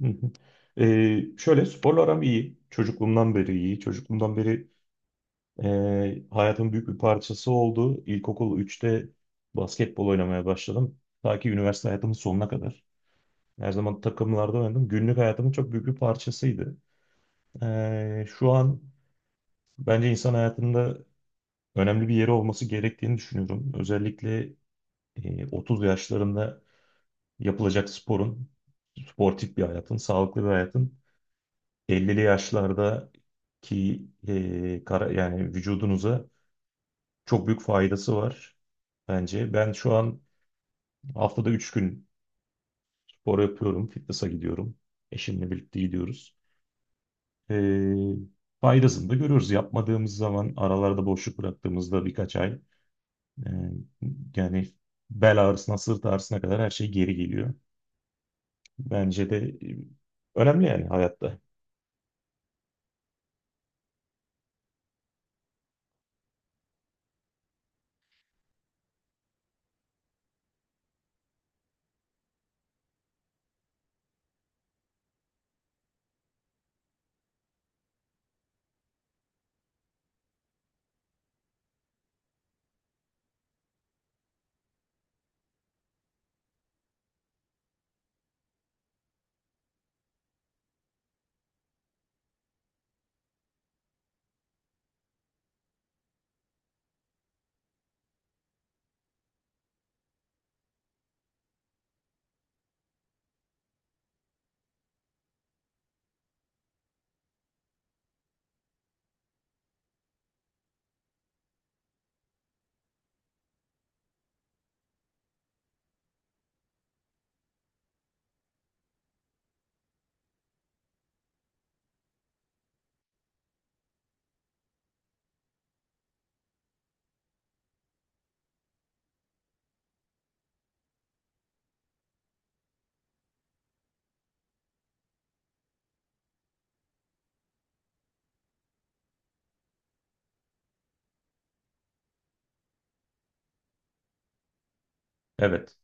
Hı hı. Şöyle sporla aram iyi. Çocukluğumdan beri iyi. Çocukluğumdan beri hayatın büyük bir parçası oldu. İlkokul üçte basketbol oynamaya başladım. Ta ki üniversite hayatımın sonuna kadar. Her zaman takımlarda oynadım. Günlük hayatımın çok büyük bir parçasıydı. Şu an bence insan hayatında önemli bir yeri olması gerektiğini düşünüyorum. Özellikle 30 yaşlarında yapılacak sporun, sportif bir hayatın, sağlıklı bir hayatın 50'li yaşlardaki yani vücudunuza çok büyük faydası var bence. Ben şu an haftada 3 gün spor yapıyorum, fitness'a gidiyorum. Eşimle birlikte gidiyoruz. E, faydasını da görüyoruz. Yapmadığımız zaman aralarda boşluk bıraktığımızda birkaç ay e, yani bel ağrısına, sırt ağrısına kadar her şey geri geliyor. Bence de e, önemli yani hayatta. Evet.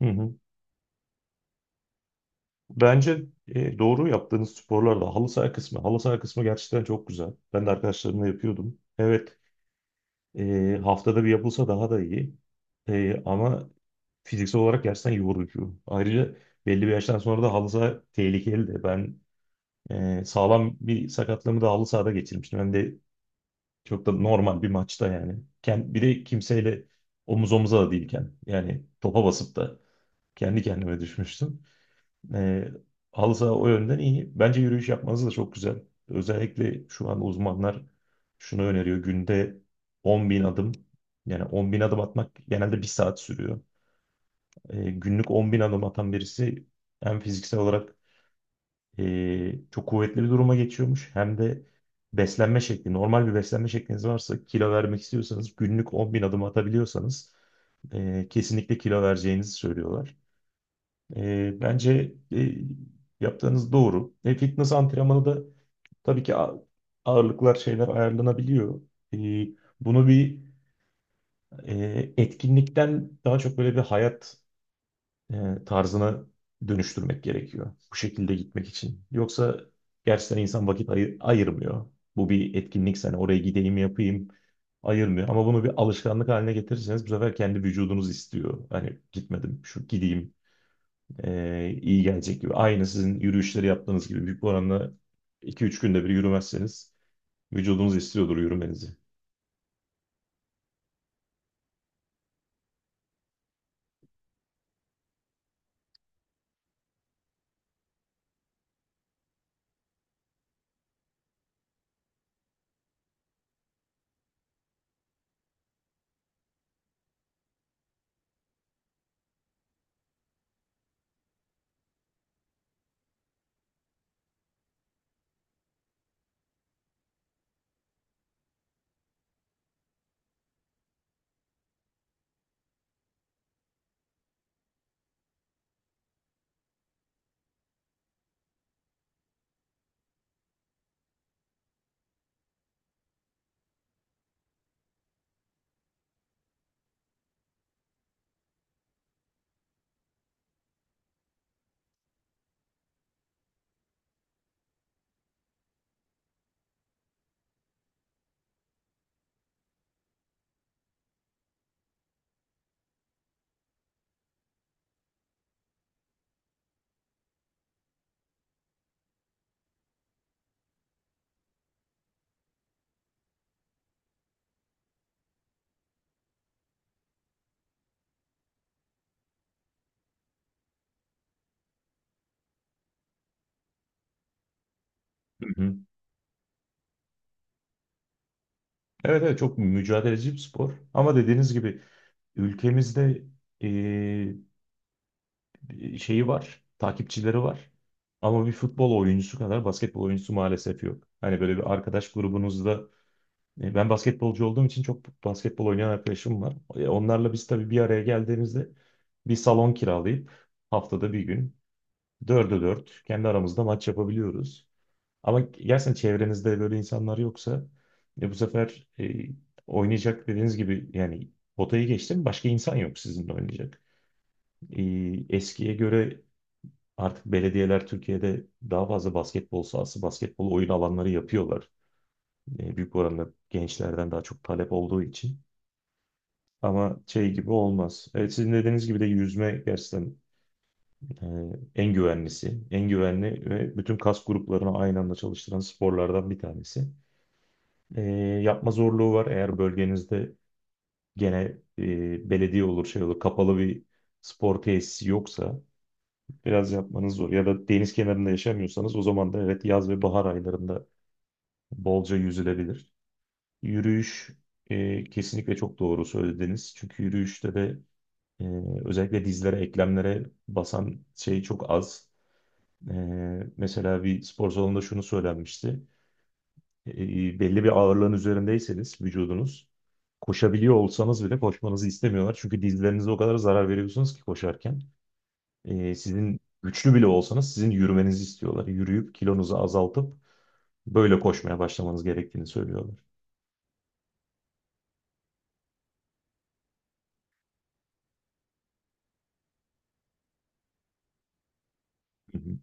Hı hı. Bence doğru yaptığınız sporlarda halı saha kısmı. Halı saha kısmı gerçekten çok güzel. Ben de arkadaşlarımla yapıyordum. Evet, haftada bir yapılsa daha da iyi. Ama fiziksel olarak gerçekten yorucu. Ayrıca belli bir yaştan sonra da halı saha tehlikeli de. Ben sağlam bir sakatlığımı da halı sahada geçirmiştim. Hem de çok da normal bir maçta yani. Bir de kimseyle omuz omuza da değilken yani topa basıp da kendi kendime düşmüştüm. E, halı saha o yönden iyi. Bence yürüyüş yapmanız da çok güzel. Özellikle şu an uzmanlar şunu öneriyor. Günde 10 bin adım. Yani 10 bin adım atmak genelde bir saat sürüyor. Günlük 10 bin adım atan birisi hem fiziksel olarak çok kuvvetli bir duruma geçiyormuş hem de beslenme şekli. Normal bir beslenme şekliniz varsa kilo vermek istiyorsanız günlük 10 bin adım atabiliyorsanız kesinlikle kilo vereceğinizi söylüyorlar. Bence yaptığınız doğru. Fitness antrenmanı da tabii ki ağırlıklar şeyler ayarlanabiliyor. E, bunu bir etkinlikten daha çok böyle bir hayat tarzına dönüştürmek gerekiyor. Bu şekilde gitmek için. Yoksa gerçekten insan vakit ayırmıyor. Bu bir etkinlik hani oraya gideyim yapayım ayırmıyor. Ama bunu bir alışkanlık haline getirirseniz bu sefer kendi vücudunuz istiyor. Hani gitmedim, şu gideyim iyi gelecek gibi. Aynı sizin yürüyüşleri yaptığınız gibi büyük bir oranla 2-3 günde bir yürümezseniz vücudunuz istiyordur yürümenizi. Hı hı. Evet, evet, çok mücadeleci bir spor. Ama dediğiniz gibi ülkemizde şeyi var, takipçileri var. Ama bir futbol oyuncusu kadar basketbol oyuncusu maalesef yok. Hani böyle bir arkadaş grubunuzda ben basketbolcu olduğum için çok basketbol oynayan arkadaşım var. Onlarla biz tabii bir araya geldiğimizde bir salon kiralayıp haftada bir gün dörde dört kendi aramızda maç yapabiliyoruz. Ama gerçekten çevrenizde böyle insanlar yoksa bu sefer oynayacak dediğiniz gibi yani potayı geçtim başka insan yok sizinle oynayacak. Eskiye göre artık belediyeler Türkiye'de daha fazla basketbol sahası, basketbol oyun alanları yapıyorlar. Büyük oranda gençlerden daha çok talep olduğu için. Ama şey gibi olmaz. Evet, sizin dediğiniz gibi de yüzme gerçekten e, en güvenlisi, en güvenli ve bütün kas gruplarını aynı anda çalıştıran sporlardan bir tanesi. E, yapma zorluğu var. Eğer bölgenizde gene belediye olur, şey olur, kapalı bir spor tesisi yoksa biraz yapmanız zor. Ya da deniz kenarında yaşamıyorsanız o zaman da evet yaz ve bahar aylarında bolca yüzülebilir. Yürüyüş kesinlikle çok doğru söylediniz. Çünkü yürüyüşte de e, özellikle dizlere, eklemlere basan şey çok az. E, mesela bir spor salonunda şunu söylenmişti. Belli bir ağırlığın üzerindeyseniz vücudunuz koşabiliyor olsanız bile koşmanızı istemiyorlar. Çünkü dizlerinize o kadar zarar veriyorsunuz ki koşarken. Sizin güçlü bile olsanız sizin yürümenizi istiyorlar. Yürüyüp kilonuzu azaltıp böyle koşmaya başlamanız gerektiğini söylüyorlar. Hı hı.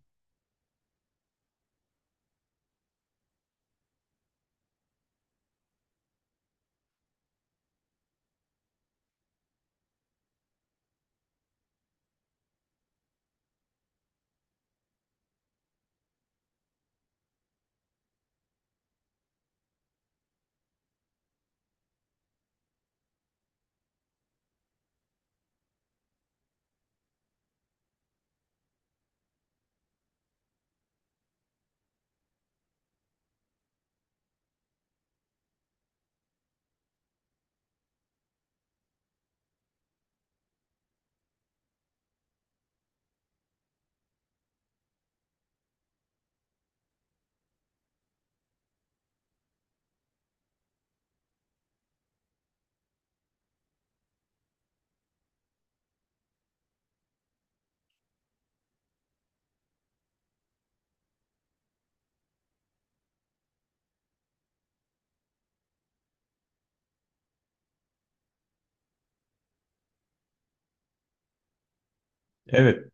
Evet,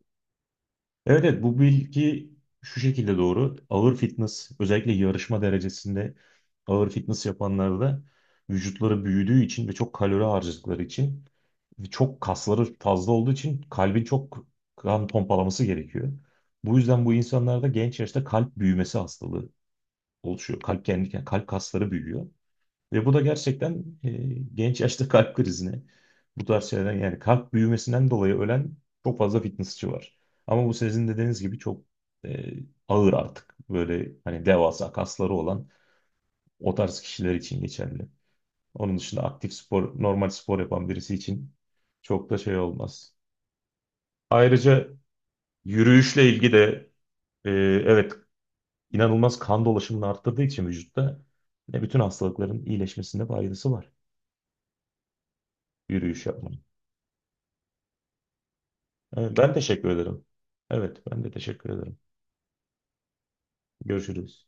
evet, evet bu bilgi şu şekilde doğru. Ağır fitness özellikle yarışma derecesinde ağır fitness yapanlarda vücutları büyüdüğü için ve çok kalori harcadıkları için ve çok kasları fazla olduğu için kalbin çok kan pompalaması gerekiyor. Bu yüzden bu insanlarda genç yaşta kalp büyümesi hastalığı oluşuyor. Kalp kendi kalp kasları büyüyor. Ve bu da gerçekten genç yaşta kalp krizine bu tarz şeylerden yani kalp büyümesinden dolayı ölen çok fazla fitnessçi var. Ama bu sizin dediğiniz gibi çok e, ağır artık. Böyle hani devasa kasları olan o tarz kişiler için geçerli. Onun dışında aktif spor, normal spor yapan birisi için çok da şey olmaz. Ayrıca yürüyüşle ilgili de e, evet inanılmaz kan dolaşımını arttırdığı için vücutta ne bütün hastalıkların iyileşmesinde faydası var yürüyüş yapmanın. Evet, ben teşekkür ederim. Evet, ben de teşekkür ederim. Görüşürüz.